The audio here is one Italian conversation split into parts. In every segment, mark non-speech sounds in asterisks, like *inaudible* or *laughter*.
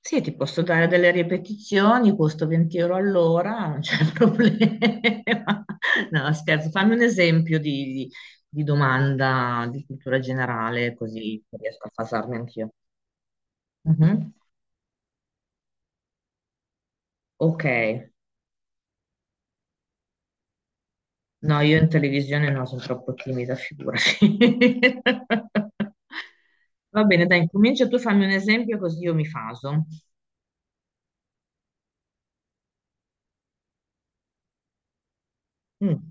Sì, ti posso dare delle ripetizioni, costo 20 euro all'ora, non c'è *laughs* problema. No, scherzo, fammi un esempio di domanda di cultura generale, così riesco a fasarmi anch'io. Mhm. Ok, no, io in televisione no, sono troppo timida, figurati. *laughs* Va bene, dai, incomincia tu, fammi un esempio così io mi faso. Mm.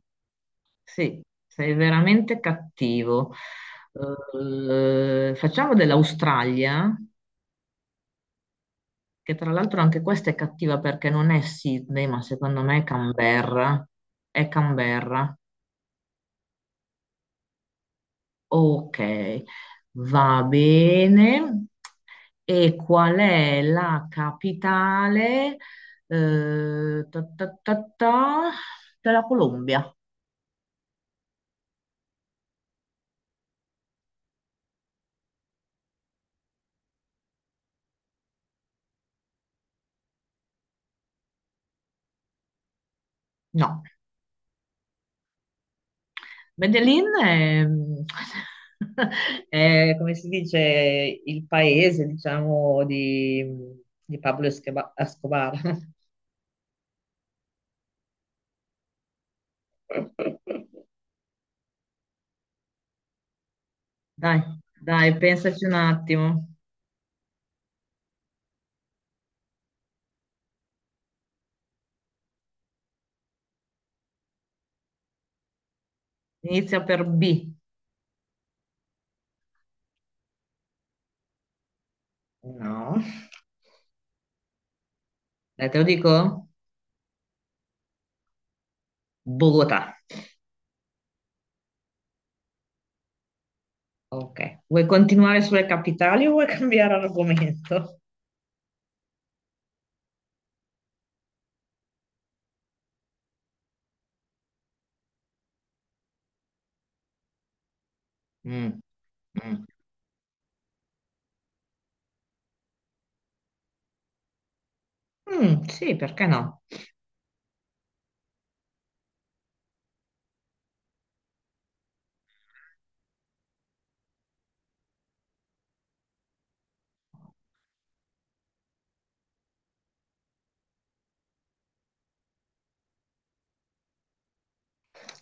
Sì, sei veramente cattivo. Facciamo dell'Australia, che tra l'altro anche questa è cattiva perché non è Sydney, ma secondo me è Canberra. È Canberra. Ok, va bene. E qual è la capitale, ta ta ta ta, della Colombia? No. Medellin è, *laughs* è, come si dice, il paese, diciamo, di Escobar. *laughs* Dai, dai, pensaci un attimo. Inizia per B. No, dai, te lo dico? Bogotà. Ok. Vuoi continuare sulle capitali o vuoi cambiare argomento? Mm, mm. Mm, sì, perché no?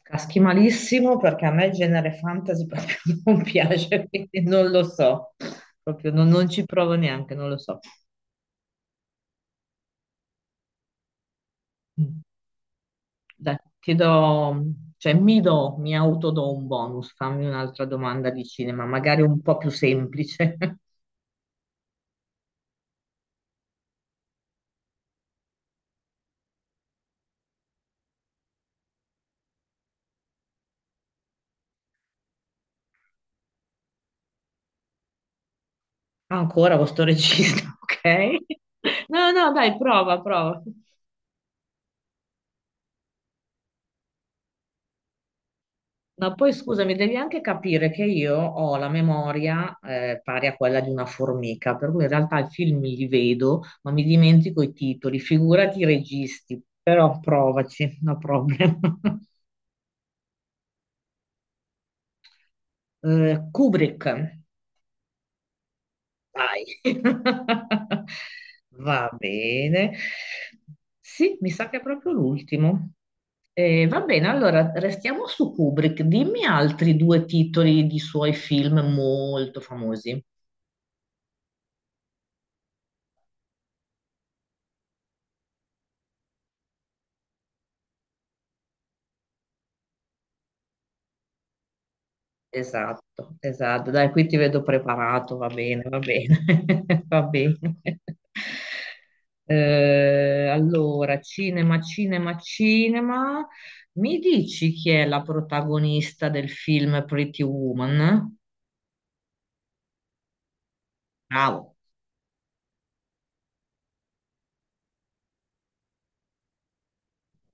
Caschi malissimo perché a me il genere fantasy proprio *laughs* non piace, quindi non lo so, proprio non ci provo neanche, non lo so. Mm. Dai, cioè mi do, mi autodo un bonus, fammi un'altra domanda di cinema, magari un po' più semplice. *laughs* Ancora questo regista, *laughs* ok? No, no, dai, prova, prova. Ma poi scusami, devi anche capire che io ho la memoria pari a quella di una formica, per cui in realtà i film li vedo, ma mi dimentico i titoli, figurati i registi, però provaci, no problem. *laughs* Kubrick, vai. *laughs* Va bene. Sì, mi sa che è proprio l'ultimo. Va bene, allora restiamo su Kubrick. Dimmi altri due titoli di suoi film molto famosi. Esatto, esatto. Dai, qui ti vedo preparato, va bene, *laughs* va bene. Allora, cinema, cinema, cinema. Mi dici chi è la protagonista del film Pretty Woman? Bravo.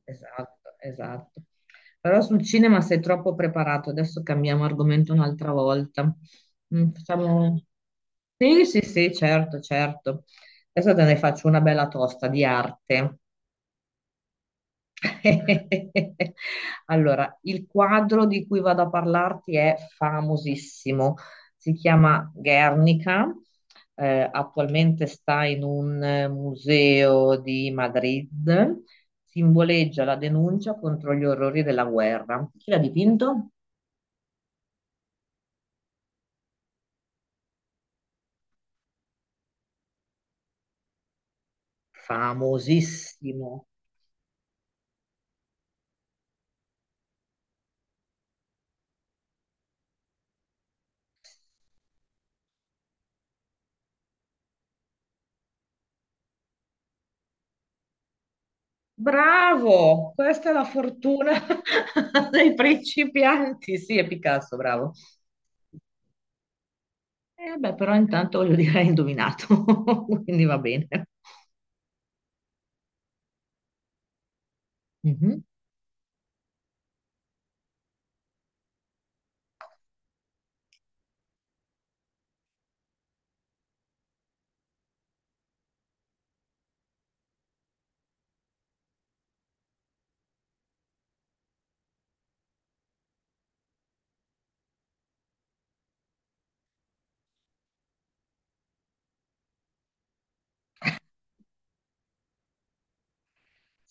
Esatto, esatto. Però sul cinema sei troppo preparato. Adesso cambiamo argomento un'altra volta. Mm, facciamo... Sì, sì, sì, certo, certo. Adesso te ne faccio una bella tosta di arte. *laughs* Allora, il quadro di cui vado a parlarti è famosissimo, si chiama Guernica, attualmente sta in un museo di Madrid, simboleggia la denuncia contro gli orrori della guerra. Chi l'ha dipinto? Famosissimo. Bravo! Questa è la fortuna *laughs* dei principianti. Sì, è Picasso, bravo. Beh, però intanto voglio dire, hai indovinato, *laughs* quindi va bene. Mhm.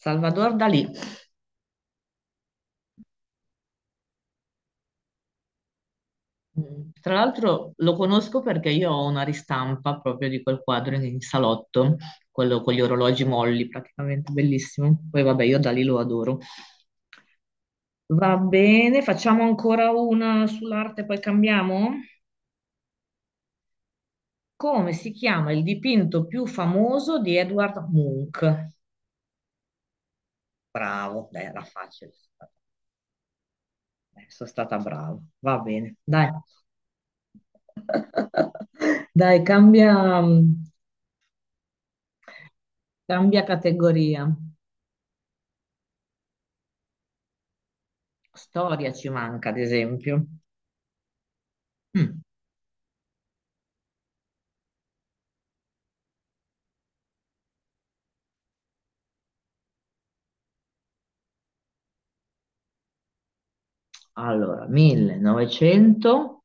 Salvador Dalì. Mm. Tra l'altro lo conosco perché io ho una ristampa proprio di quel quadro in salotto, quello con gli orologi molli, praticamente bellissimo. Poi vabbè, io Dalì lo adoro. Va bene, facciamo ancora una sull'arte, poi cambiamo. Come si chiama il dipinto più famoso di Edward Munch? Bravo, beh, era facile. Sono stata brava. Va bene, dai. *laughs* Dai, cambia, cambia categoria. Storia ci manca, ad esempio. Mm. Allora, 1914.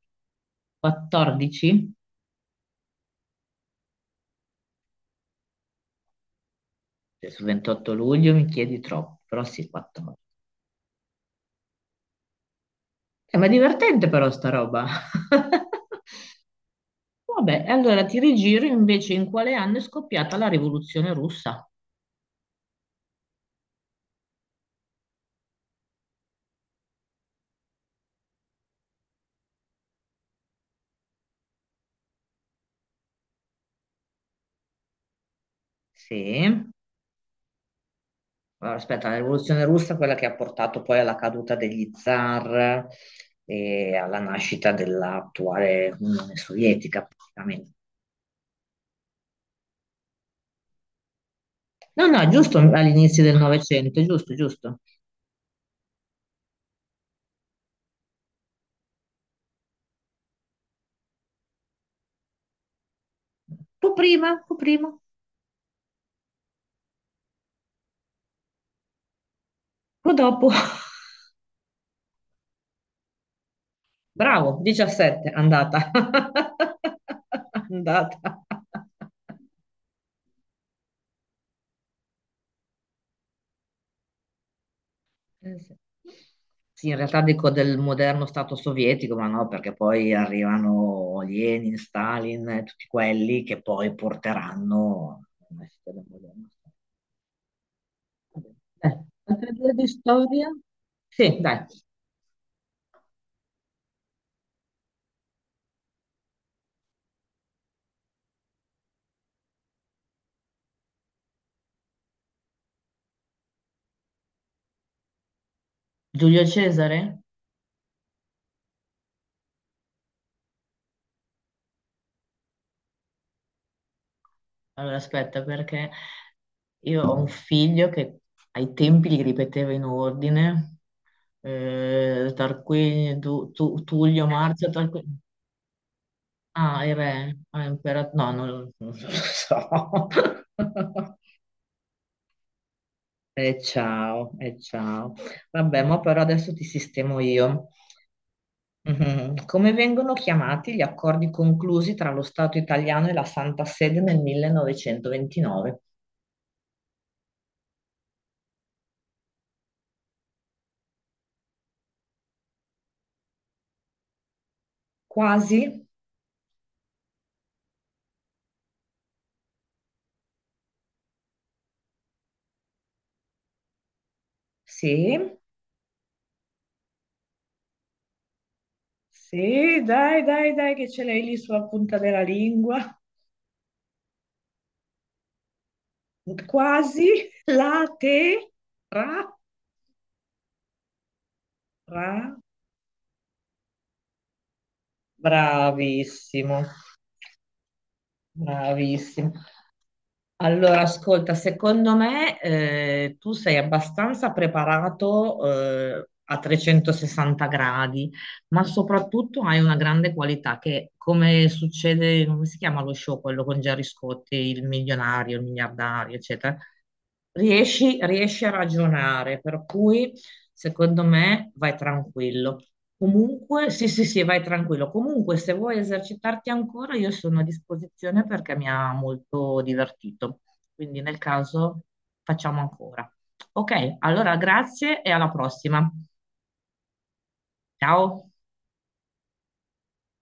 Cioè, su 28 luglio mi chiedi troppo, però sì, 14. Ma è divertente però sta roba. *laughs* Vabbè, allora ti rigiro invece in quale anno è scoppiata la rivoluzione russa? Sì. Allora, aspetta, la rivoluzione russa è quella che ha portato poi alla caduta degli zar e alla nascita dell'attuale Unione Sovietica, praticamente. No, no, è giusto all'inizio del Novecento, è giusto, è giusto. Tu prima, tu dopo. *laughs* Bravo, 17, andata. *laughs* Andata. Eh sì. Sì, in realtà dico del moderno Stato sovietico, ma no, perché poi arrivano Lenin, Stalin, tutti quelli che poi porteranno una città del moderno Stato. Beh, altre due di storia? Sì, dai. Giulio Cesare? Allora, aspetta, perché io ho un figlio che ai tempi li ripeteva in ordine, Tarquinio, Tullio, Marzio, Tarquinio. Ah, il re, ah, imperatore, no, non lo so. *laughs* E ciao, e ciao. Vabbè, ma però adesso ti sistemo io. Mhm. Come vengono chiamati gli accordi conclusi tra lo Stato italiano e la Santa Sede nel 1929? Quasi? Sì, sì, dai, dai, dai, che ce l'hai lì sulla punta della lingua. Quasi? La te? Ra? Ra? Bravissimo. Bravissimo. Allora, ascolta, secondo me tu sei abbastanza preparato a 360 gradi, ma soprattutto hai una grande qualità che, come succede, come si chiama lo show, quello con Gerry Scotti, il milionario, il miliardario, eccetera, riesci a ragionare, per cui secondo me vai tranquillo. Comunque, sì, sì, sì, vai tranquillo. Comunque, se vuoi esercitarti ancora, io sono a disposizione perché mi ha molto divertito. Quindi, nel caso, facciamo ancora. Ok, allora grazie e alla prossima. Ciao.